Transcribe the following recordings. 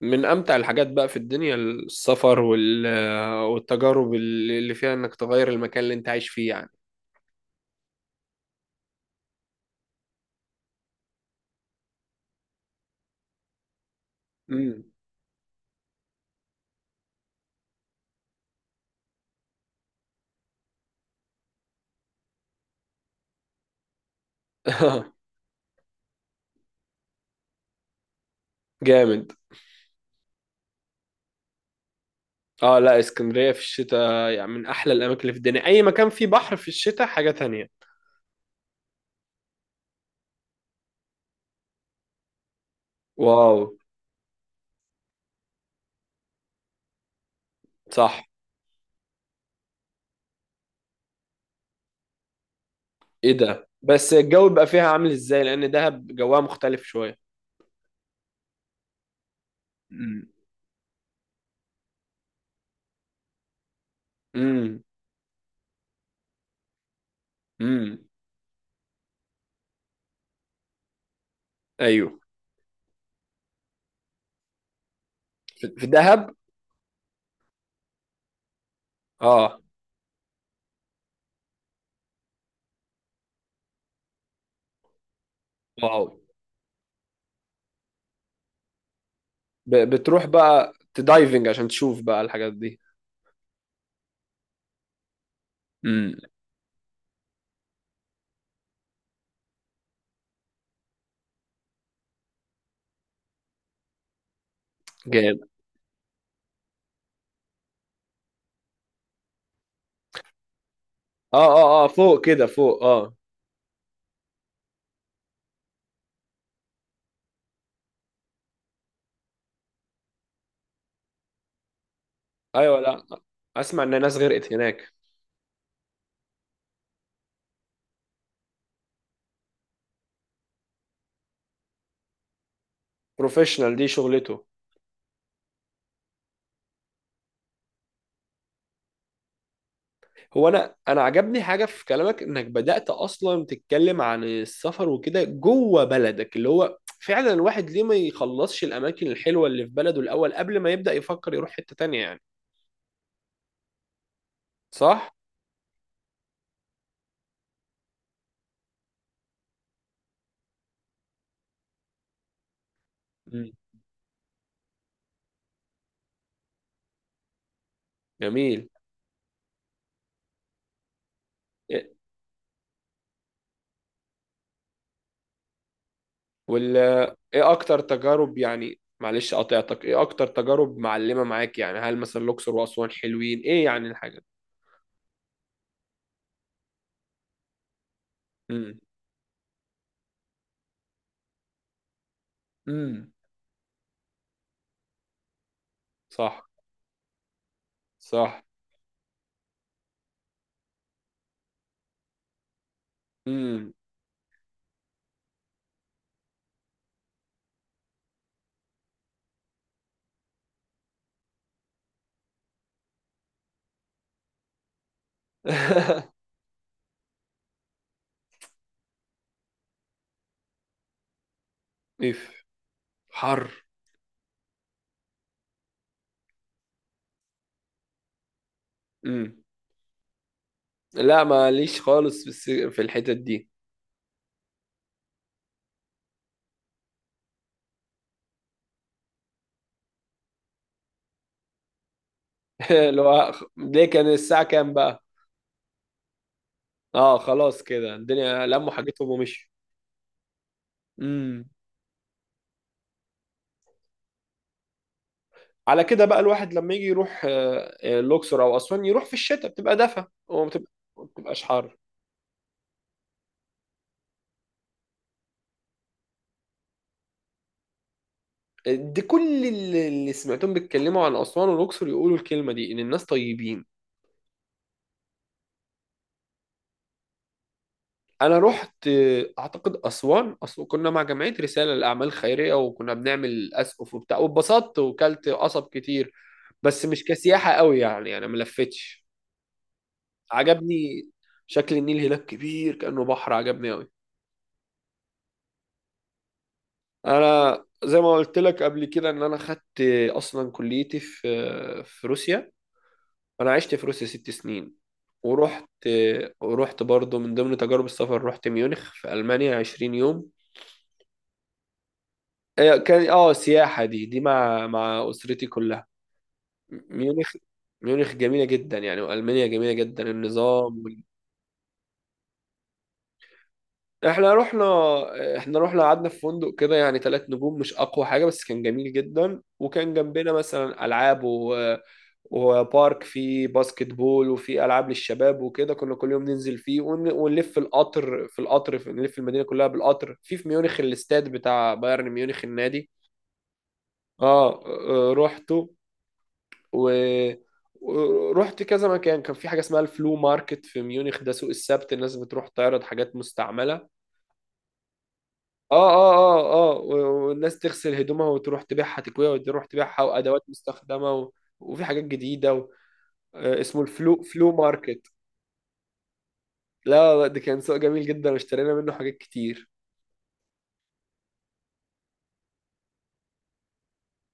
من امتع الحاجات بقى في الدنيا السفر والتجارب اللي فيها انك تغير المكان اللي انت عايش فيه يعني. امم. جامد. اه، لا، اسكندرية في الشتاء يعني من احلى الاماكن اللي في الدنيا، اي مكان فيه بحر في الشتاء حاجة تانية. واو. صح. ايه ده؟ بس الجو بيبقى فيها عامل ازاي؟ لان دهب جوها مختلف شوية. مم. امم. امم. ايوه. في دهب. اه. واو. بتروح بقى تدايفنج عشان تشوف بقى الحاجات دي؟ امم. جامد. اه، اه، اه، فوق كده، فوق، اه. ايوه، لا. اسمع ان ناس غرقت هناك. بروفيشنال، دي شغلته. هو انا عجبني حاجه في كلامك، انك بدات اصلا تتكلم عن السفر وكده جوه بلدك، اللي هو فعلا الواحد ليه ما يخلصش الاماكن الحلوه اللي في بلده الاول قبل ما يبدا يفكر يروح حته تانية يعني. صح. مم. جميل. إيه- وال ايه اكتر تجارب يعني، معلش قاطعتك، ايه اكتر تجارب معلمه معاك يعني؟ هل مثلا الاقصر واسوان حلوين؟ ايه يعني الحاجه؟ امم. صح، صح. امم. ميف. حر. امم. لا، ماليش خالص في في الحتت دي. اللي هو ليه؟ كان الساعة كام بقى؟ اه، خلاص، كده الدنيا لموا حاجتهم ومشوا. امم. على كده بقى، الواحد لما يجي يروح الأقصر أو أسوان يروح في الشتاء بتبقى دفا ما بتبقاش حر. دي كل اللي سمعتهم بيتكلموا عن أسوان والأقصر يقولوا الكلمة دي، إن الناس طيبين. انا رحت. اعتقد اسوان، اصل كنا مع جمعيه رساله للاعمال الخيريه، وكنا بنعمل اسقف وبتاع، واتبسطت وكلت قصب كتير. بس مش كسياحه قوي يعني، انا ما لفتش. عجبني. شكل النيل هناك كبير كانه بحر، عجبني قوي. انا زي ما قلت لك قبل كده ان انا خدت، اصلا كليتي في روسيا. انا عشت في روسيا ست سنين. ورحت ورحت برضو من ضمن تجارب السفر رحت ميونخ في المانيا 20 يوم. كان سياحة، دي مع أسرتي كلها. ميونخ. ميونخ جميلة جدا يعني، وألمانيا جميلة جدا، النظام احنا رحنا احنا رحنا قعدنا في فندق كده يعني، ثلاث نجوم، مش أقوى حاجة بس كان جميل جدا، وكان جنبنا مثلا ألعاب وبارك فيه باسكت بول، وفيه ألعاب للشباب وكده. كنا كل يوم ننزل فيه ونلف في القطر، نلف المدينة كلها بالقطر، في ميونخ الاستاد بتاع بايرن ميونخ النادي. اه. روحته. و ورحت كذا مكان. كان في حاجه اسمها الفلو ماركت في ميونخ، ده سوق السبت، الناس بتروح تعرض حاجات مستعمله. اه. اه، اه، اه، والناس تغسل هدومها وتروح تبيعها، تكويها وتروح تبيعها، وادوات مستخدمه وفي حاجات جديده اسمه فلو ماركت. لا، لا، ده كان سوق جميل جدا، واشترينا منه حاجات كتير.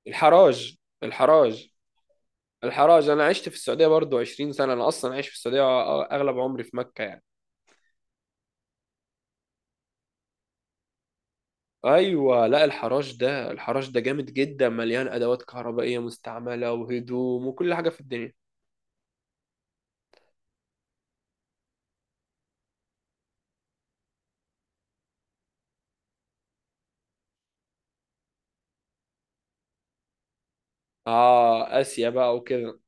الحراج. الحراج. الحراج، انا عشت في السعوديه برضو 20 سنه، انا اصلا عايش في السعوديه اغلب عمري في مكه يعني. ايوه، لا، الحراش ده الحراش ده جامد جدا، مليان ادوات كهربائيه مستعمله وهدوم وكل حاجه في الدنيا. اه، اسيا بقى وكده.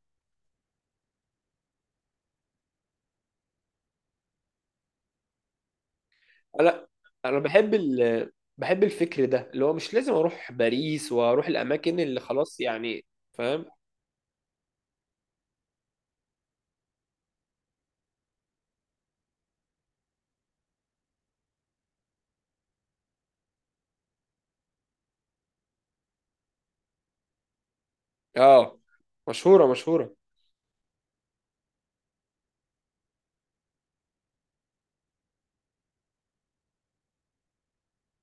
لا، انا بحب الفكر ده، اللي هو مش لازم اروح باريس واروح الاماكن اللي خلاص يعني. فاهم. اه. مشهوره، مشهوره.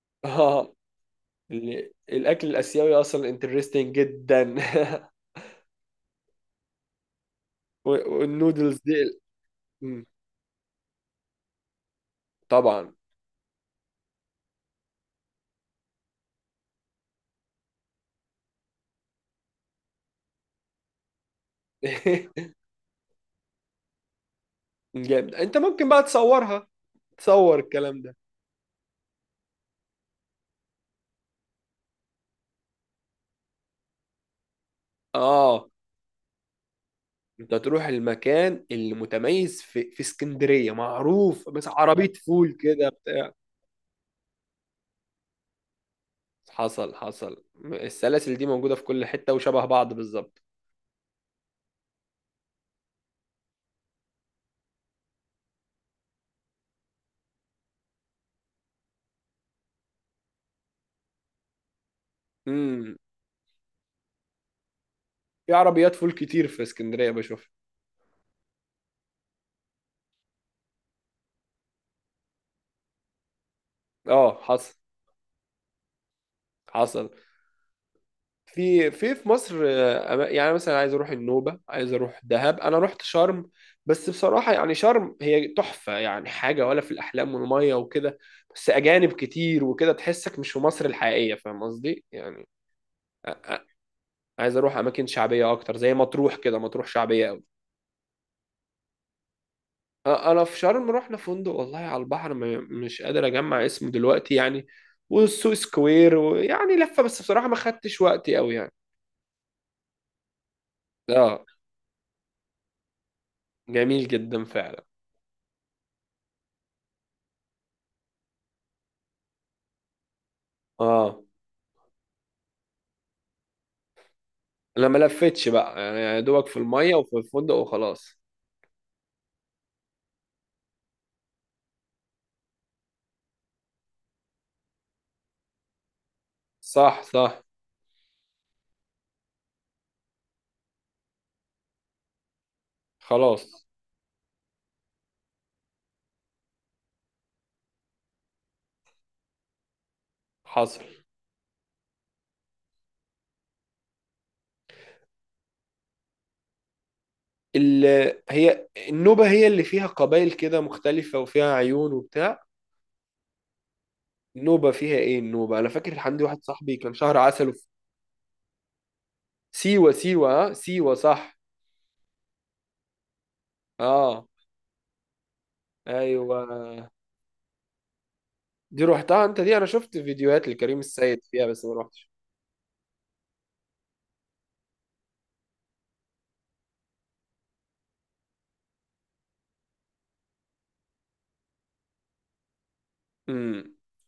اه. الاكل الاسيوي اصلا انترستنج جدا. والنودلز دي. مم. طبعا. جامد. انت ممكن بقى تصورها؟ تصور الكلام ده. اه. انت هتروح المكان اللي متميز في اسكندريه معروف، بس عربيه فول كده بتاع. حصل، حصل. السلاسل دي موجوده في كل حته وشبه بعض بالظبط. امم. في عربيات فول كتير في اسكندريه بشوف. اه. حصل، حصل. في مصر، يعني مثلا عايز اروح النوبه، عايز اروح دهب، انا رحت شرم. بس بصراحه يعني شرم هي تحفه، يعني حاجه ولا في الاحلام والميه وكده. بس اجانب كتير وكده، تحسك مش في مصر الحقيقيه، فاهم قصدي يعني. عايز اروح اماكن شعبيه اكتر زي مطروح كده، مطروح شعبيه قوي. انا في شرم رحنا فندق والله على البحر، مش قادر اجمع اسمه دلوقتي يعني. والسوق سكوير ويعني لفه، بس بصراحه ما خدتش وقتي قوي يعني. اه، جميل جدا فعلا. اه، انا ما لفتش بقى يعني، يا دوبك في الميه وفي الفندق وخلاص. صح، صح. خلاص. حصل. ال... هي النوبه هي اللي فيها قبائل كده مختلفه، وفيها عيون وبتاع. النوبه فيها ايه؟ النوبه، انا فاكر عندي واحد صاحبي كان شهر عسل. سيوة، سيوة، ها، سيوة، صح. اه. ايوه. دي روحتها انت دي؟ انا شفت فيديوهات لكريم السيد فيها بس ما روحتش. امم.